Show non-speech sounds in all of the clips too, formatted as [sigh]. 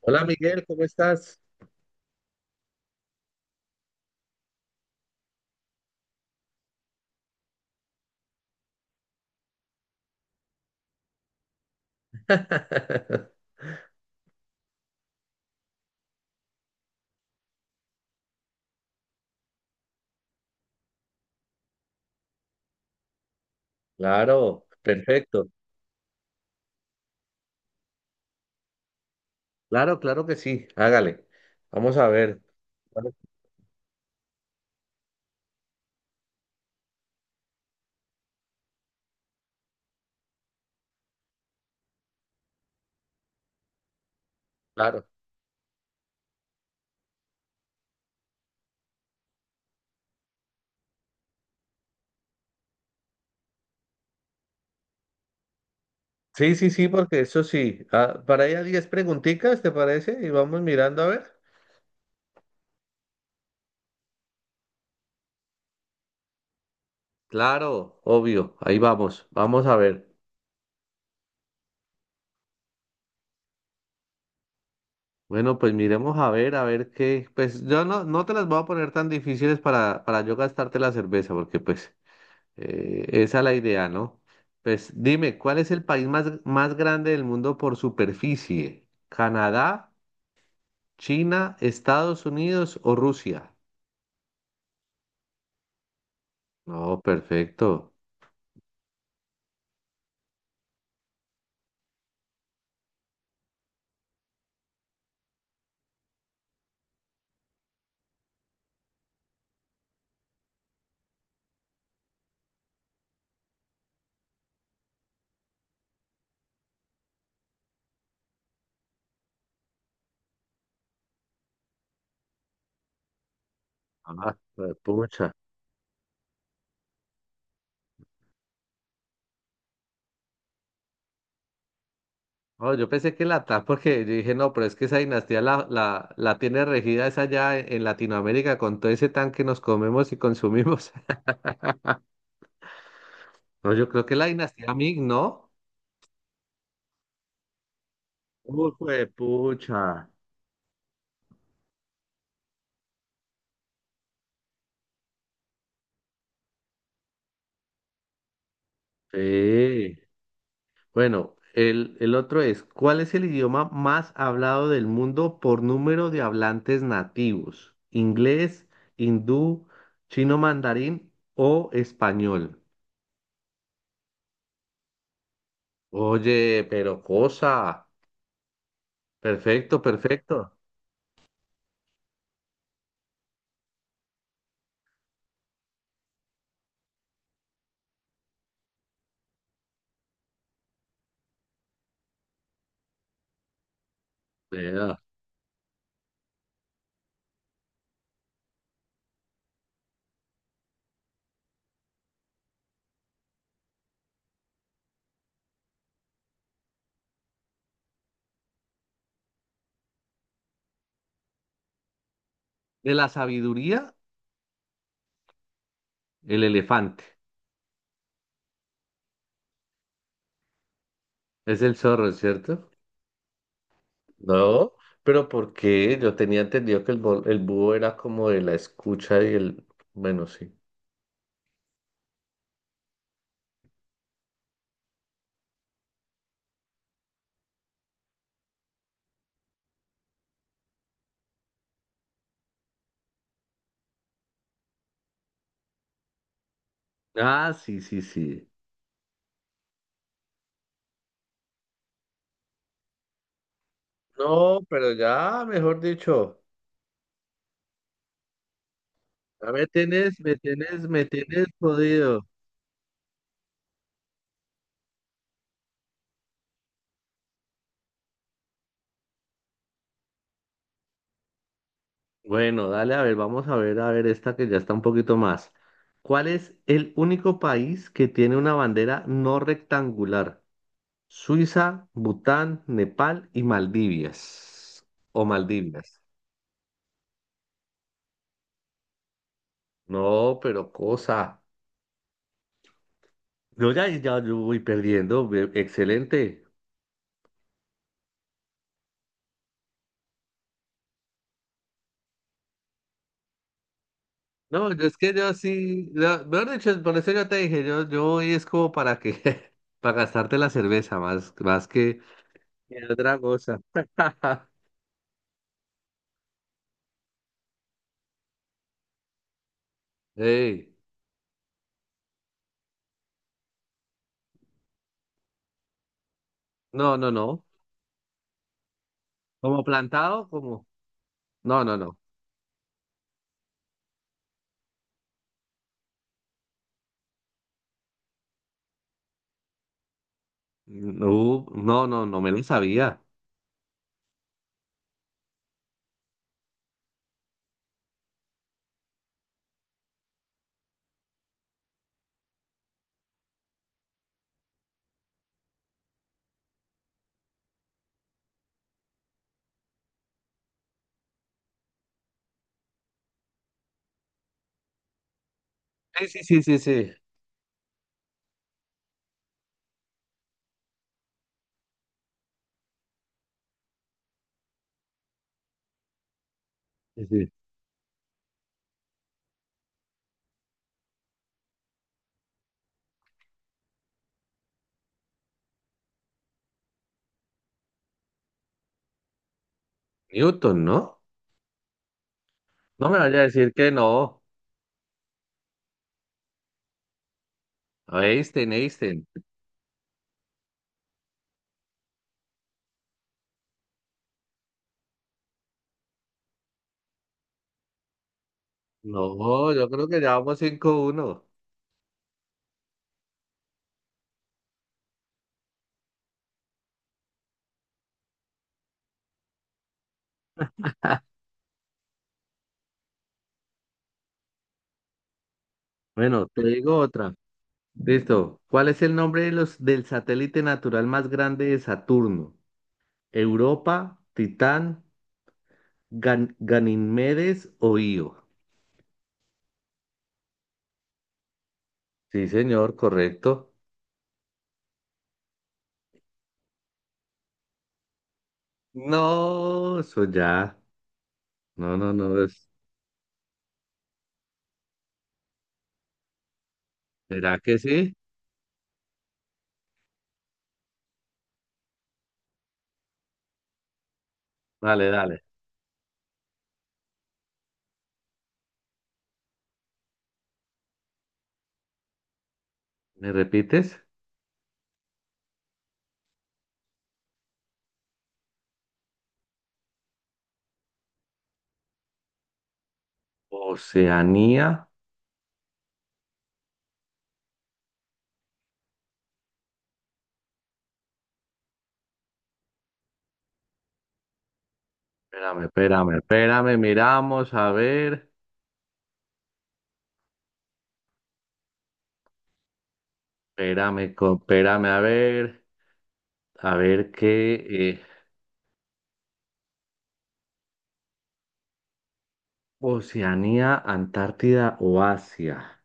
Hola Miguel, ¿cómo estás? [laughs] Claro, perfecto. Claro, claro que sí, hágale. Vamos a ver. Vale. Claro. Sí, sí, sí, porque eso sí. Ah, para allá 10 preguntitas, ¿te parece? Y vamos mirando a ver. Claro, obvio, ahí vamos, vamos a ver. Bueno, pues miremos a ver qué. Pues yo no, no te las voy a poner tan difíciles para yo gastarte la cerveza, porque pues esa es la idea, ¿no? Pues dime, ¿cuál es el país más grande del mundo por superficie? ¿Canadá, China, Estados Unidos o Rusia? No, perfecto. Ah, pues, pucha. Oh, yo pensé que la TAP, porque yo dije, no, pero es que esa dinastía la tiene regida esa allá en Latinoamérica con todo ese tan que nos comemos y consumimos. [laughs] No, yo creo que la dinastía Ming, ¿no? Uy, pucha. Sí. Bueno, el otro es, ¿cuál es el idioma más hablado del mundo por número de hablantes nativos? ¿Inglés, hindú, chino mandarín o español? Oye, pero cosa. Perfecto, perfecto. Vea. De la sabiduría, el elefante. Es el zorro, ¿cierto? No, pero ¿por qué? Yo tenía entendido que el búho era como de la escucha y el. Bueno, sí. Ah, sí, sí, sí. No, pero ya, mejor dicho, ya me tienes jodido. Bueno, dale, a ver, vamos a ver esta que ya está un poquito más. ¿Cuál es el único país que tiene una bandera no rectangular? Suiza, Bután, Nepal y Maldivias. O Maldivias. No, pero cosa. Yo ya, ya yo voy perdiendo. Excelente. No, yo es que yo sí, mejor dicho, por eso yo te dije, yo voy es como para que, [laughs] para gastarte la cerveza, más que otra cosa. [laughs] Ey, no, no, no, como plantado, como, no, no, no, no, no, no, no me lo sabía. Sí, sí, sí, sí, sí, sí, sí. Newton, ¿no? No me vaya a decir que no, Einstein, Einstein. No, yo creo que ya vamos 5-1. Bueno, te digo otra. Listo. ¿Cuál es el nombre de los, del satélite natural más grande de Saturno? ¿Europa, Titán, Ganímedes o Io? Sí, señor, correcto. No, eso ya. No, no, no. ¿Será que sí? Dale, dale. ¿Me repites? Oceanía. Espérame, espérame, espérame. Miramos, a ver. Espérame, espérame, a ver. A ver qué. Oceanía, Antártida o Asia.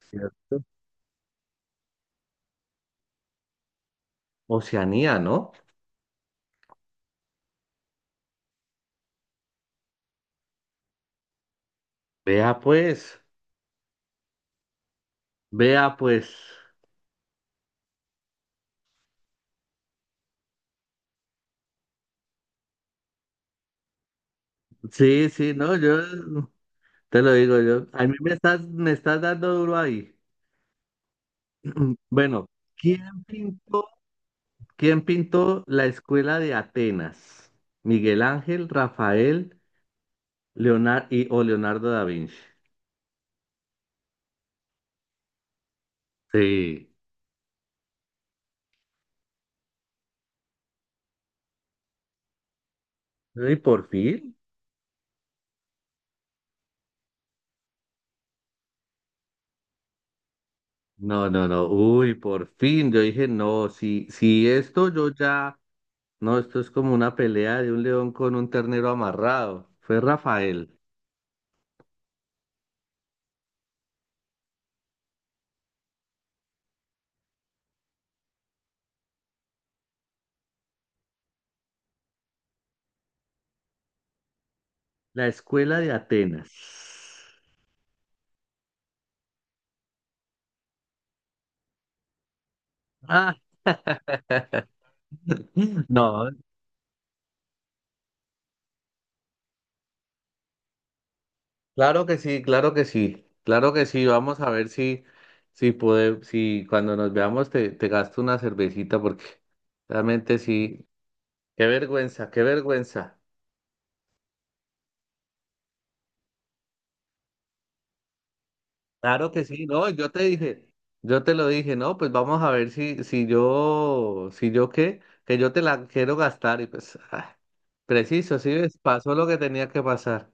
¿Cierto? Oceanía, ¿no? Vea pues, vea pues. Sí, sí, no, yo te lo digo yo. A mí me estás dando duro ahí. Bueno, ¿quién pintó, quién pintó la escuela de Atenas? ¿Miguel Ángel, Rafael, Leonardo y, o Leonardo da Vinci? Sí. ¿Y por fin? No, no, no. Uy, por fin. Yo dije, no, si esto yo ya. No, esto es como una pelea de un león con un ternero amarrado. Fue Rafael. La escuela de Atenas. Ah, [laughs] no, claro que sí, claro que sí, claro que sí. Vamos a ver si puede, si cuando nos veamos te gasto una cervecita porque realmente sí. Qué vergüenza, qué vergüenza. Claro que sí, no, yo te dije, yo te lo dije, no, pues vamos a ver si yo qué, que yo te la quiero gastar y pues, ah, preciso, sí, ves, pasó lo que tenía que pasar.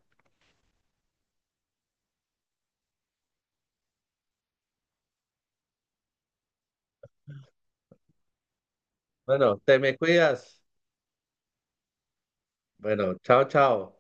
Bueno, te me cuidas. Bueno, chao, chao.